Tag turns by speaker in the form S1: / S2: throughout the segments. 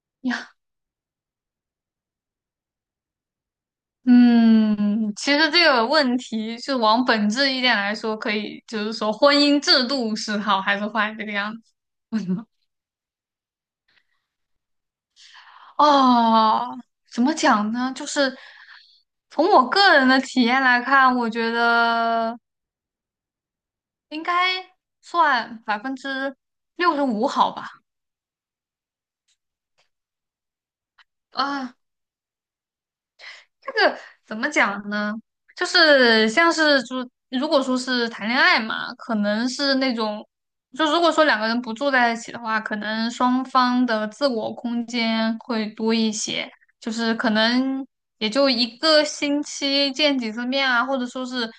S1: 呀，嗯，其实这个问题是往本质一点来说，可以就是说婚姻制度是好还是坏这个样子。哦，怎么讲呢？就是从我个人的体验来看，我觉得应该算65%好吧。啊、这个怎么讲呢？就是像是就如果说是谈恋爱嘛，可能是那种，就如果说两个人不住在一起的话，可能双方的自我空间会多一些，就是可能也就一个星期见几次面啊，或者说是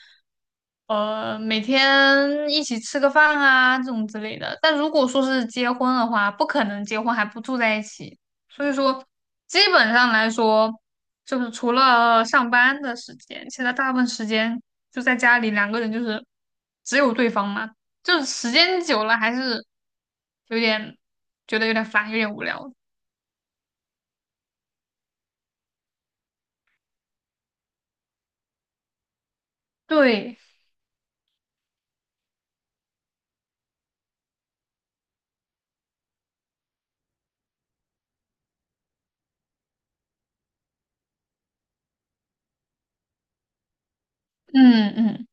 S1: 每天一起吃个饭啊这种之类的。但如果说是结婚的话，不可能结婚还不住在一起。所以说，基本上来说，就是除了上班的时间，其他大部分时间就在家里，两个人就是只有对方嘛，就是时间久了还是有点觉得有点烦，有点无聊。对，嗯嗯，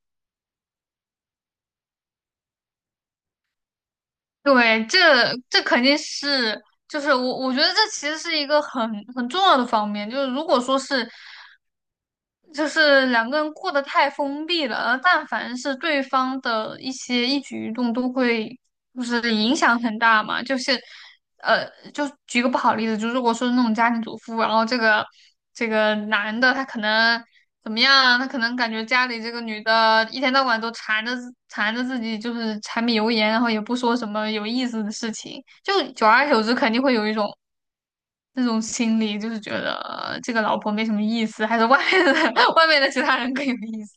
S1: 对，这肯定是，就是我觉得这其实是一个很重要的方面，就是如果说是就是两个人过得太封闭了，而但凡是对方的一些一举一动都会就是影响很大嘛，就是，呃，就举个不好的例子，就如果说是那种家庭主妇，然后这个男的他可能怎么样啊，他可能感觉家里这个女的一天到晚都缠着自己，就是柴米油盐，然后也不说什么有意思的事情，就久而久之肯定会有一种那种心理，就是觉得这个老婆没什么意思，还是外面的 外面的其他人更有意思。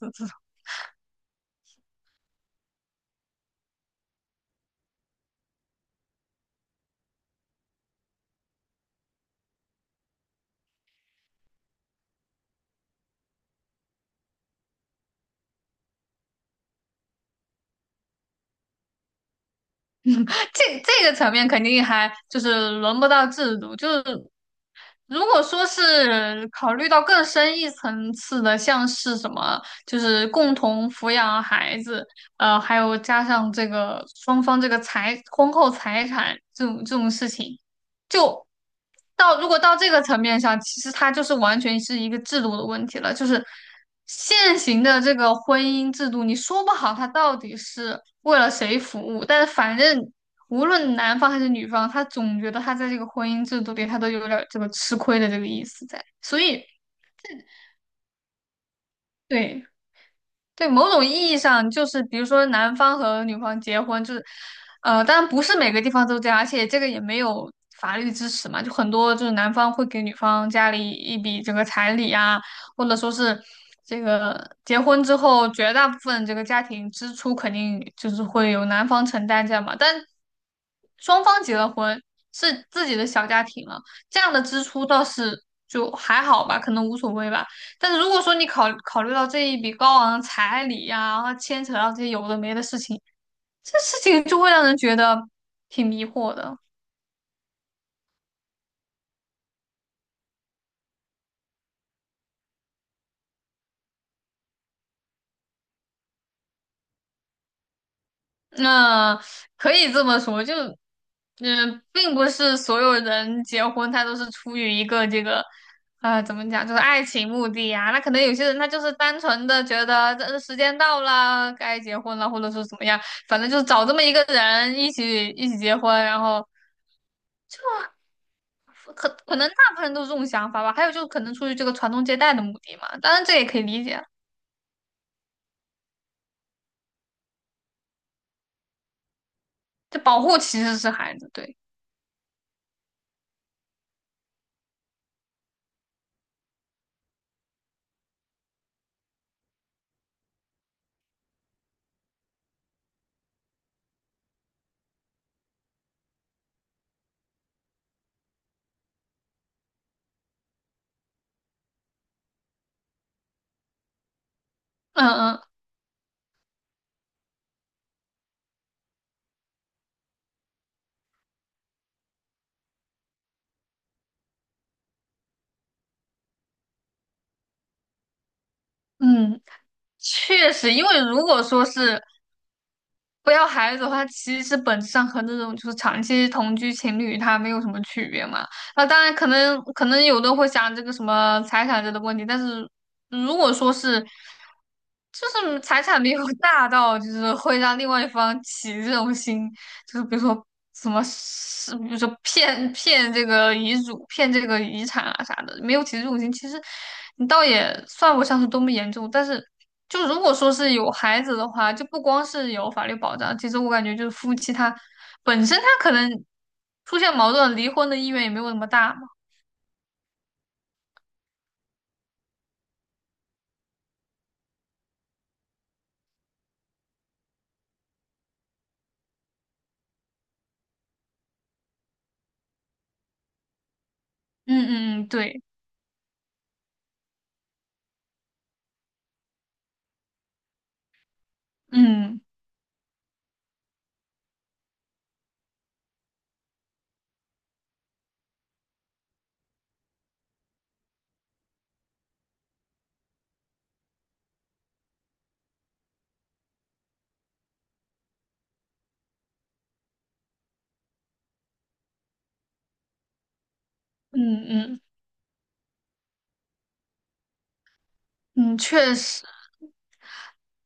S1: 这个层面肯定还就是轮不到制度，就是如果说是考虑到更深一层次的，像是什么，就是共同抚养孩子，还有加上这个双方这个财婚后财产这种事情，就到如果到这个层面上，其实它就是完全是一个制度的问题了。就是现行的这个婚姻制度，你说不好它到底是为了谁服务，但是反正无论男方还是女方，他总觉得他在这个婚姻制度里，他都有点儿这个吃亏的这个意思在。所以，对，对，某种意义上就是，比如说男方和女方结婚，就是，当然不是每个地方都这样，而且这个也没有法律支持嘛，就很多就是男方会给女方家里一笔这个彩礼啊，或者说是这个结婚之后绝大部分这个家庭支出肯定就是会由男方承担这样嘛，但双方结了婚是自己的小家庭了，这样的支出倒是就还好吧，可能无所谓吧。但是如果说你考虑到这一笔高昂的彩礼呀、然后牵扯到这些有的没的事情，这事情就会让人觉得挺迷惑的。那、可以这么说，就并不是所有人结婚他都是出于一个这个啊，怎么讲，就是爱情目的呀。那可能有些人他就是单纯的觉得这时间到了，该结婚了，或者是怎么样，反正就是找这么一个人一起结婚，然后。可能大部分人都是这种想法吧。还有就是可能出于这个传宗接代的目的嘛，当然这也可以理解。这保护其实是孩子，对，嗯嗯嗯，确实，因为如果说是不要孩子的话，其实本质上和那种就是长期同居情侣他没有什么区别嘛。那当然可能有的会想这个什么财产这类的问题，但是如果说是。就是财产没有 大到，就是会让另外一方起这种心，就是比如说什么是，比如说骗这个遗嘱、骗这个遗产啊啥的，没有起诉种心，其实你倒也算不上是多么严重。但是，就如果说是有孩子的话，就不光是有法律保障，其实我感觉就是夫妻他本身他可能出现矛盾，离婚的意愿也没有那么大嘛。嗯嗯嗯，对，嗯嗯嗯嗯，确实。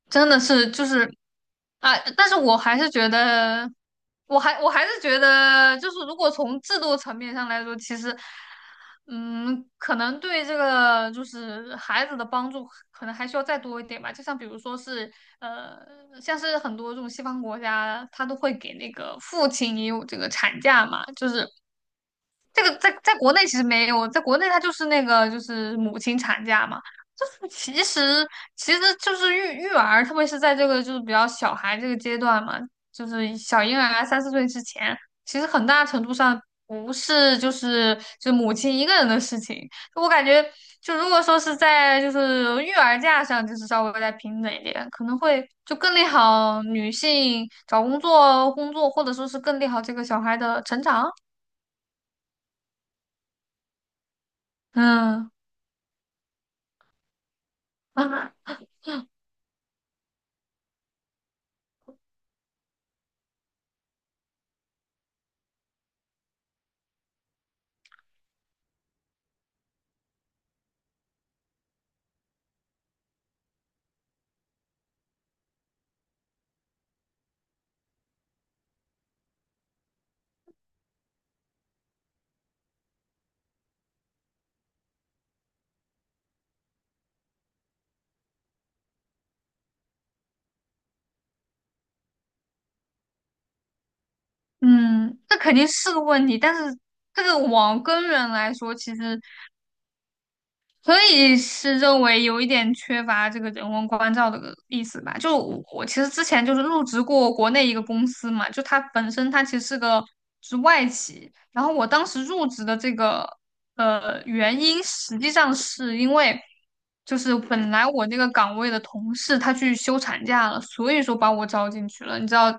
S1: 真的是就是啊，但是我还是觉得，我还是觉得，就是如果从制度层面上来说，其实，嗯，可能对这个就是孩子的帮助，可能还需要再多一点吧。就像比如说是，呃，像是很多这种西方国家，他都会给那个父亲也有这个产假嘛，就是这个在国内其实没有，在国内它就是那个就是母亲产假嘛，就是其实就是育儿，特别是在这个就是比较小孩这个阶段嘛，就是小婴儿三四岁之前，其实很大程度上不是就是就母亲一个人的事情，我感觉就如果说是在就是育儿假上，就是稍微再平等一点，可能会就更利好女性找工作，或者说是更利好这个小孩的成长，嗯。嗯，这肯定是个问题，但是这个往根源来说，其实可以是认为有一点缺乏这个人文关照的意思吧。就我其实之前就是入职过国内一个公司嘛，就它本身它其实是个是外企，然后我当时入职的这个原因，实际上是因为就是本来我那个岗位的同事他去休产假了，所以说把我招进去了，你知道。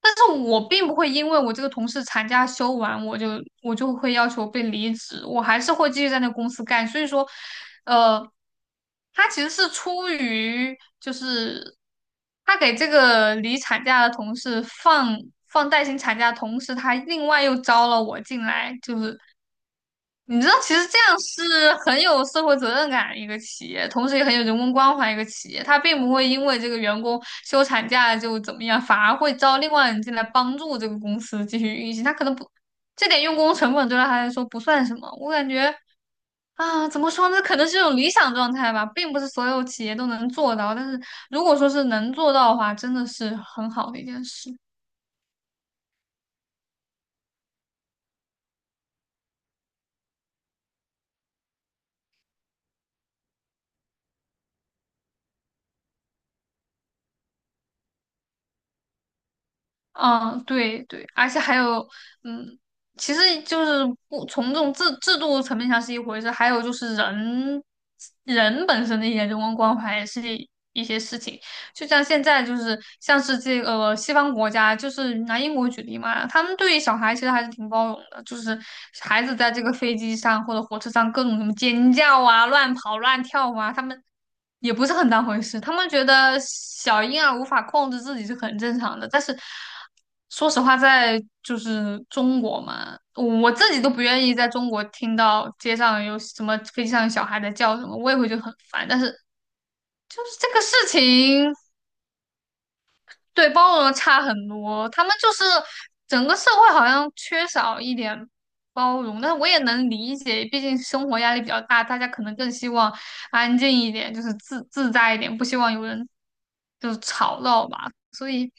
S1: 但是我并不会因为我这个同事产假休完，我就会要求被离职，我还是会继续在那公司干。所以说，呃，他其实是出于就是他给这个离产假的同事放带薪产假的同时，他另外又招了我进来，就是你知道，其实这样是很有社会责任感的一个企业，同时也很有人文关怀一个企业。他并不会因为这个员工休产假就怎么样，反而会招另外人进来帮助这个公司继续运行。他可能不，这点用工成本对他来说不算什么。我感觉啊，怎么说呢？可能是一种理想状态吧，并不是所有企业都能做到。但是如果说是能做到的话，真的是很好的一件事。嗯，对对，而且还有，嗯，其实就是不从这种制度层面上是一回事，还有就是人本身的一些人文关怀也是一些事情。就像现在就是像是这个西方国家，就是拿英国举例嘛，他们对于小孩其实还是挺包容的，就是孩子在这个飞机上或者火车上各种什么尖叫啊、乱跑乱跳啊，他们。也不是很当回事。他们觉得小婴儿无法控制自己是很正常的，但是说实话，在就是中国嘛，我自己都不愿意在中国听到街上有什么飞机上有小孩在叫什么，我也会觉得很烦。但是就是这个事情。对，包容差很多，他们就是整个社会好像缺少一点包容，但是我也能理解，毕竟生活压力比较大，大家可能更希望安静一点，就是自在一点，不希望有人就是吵闹吧。所以，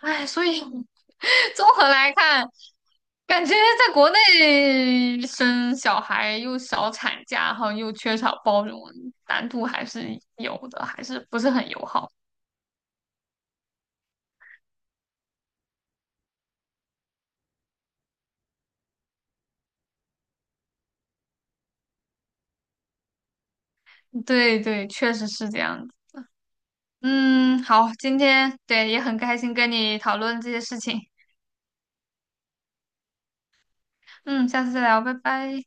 S1: 哎，所以 综合来看，感觉在国内生小孩又少产假，然后又缺少包容，难度还是有的，还是不是很友好。对对，确实是这样子。嗯，好，今天对也很开心跟你讨论这些事情。嗯，下次再聊，拜拜。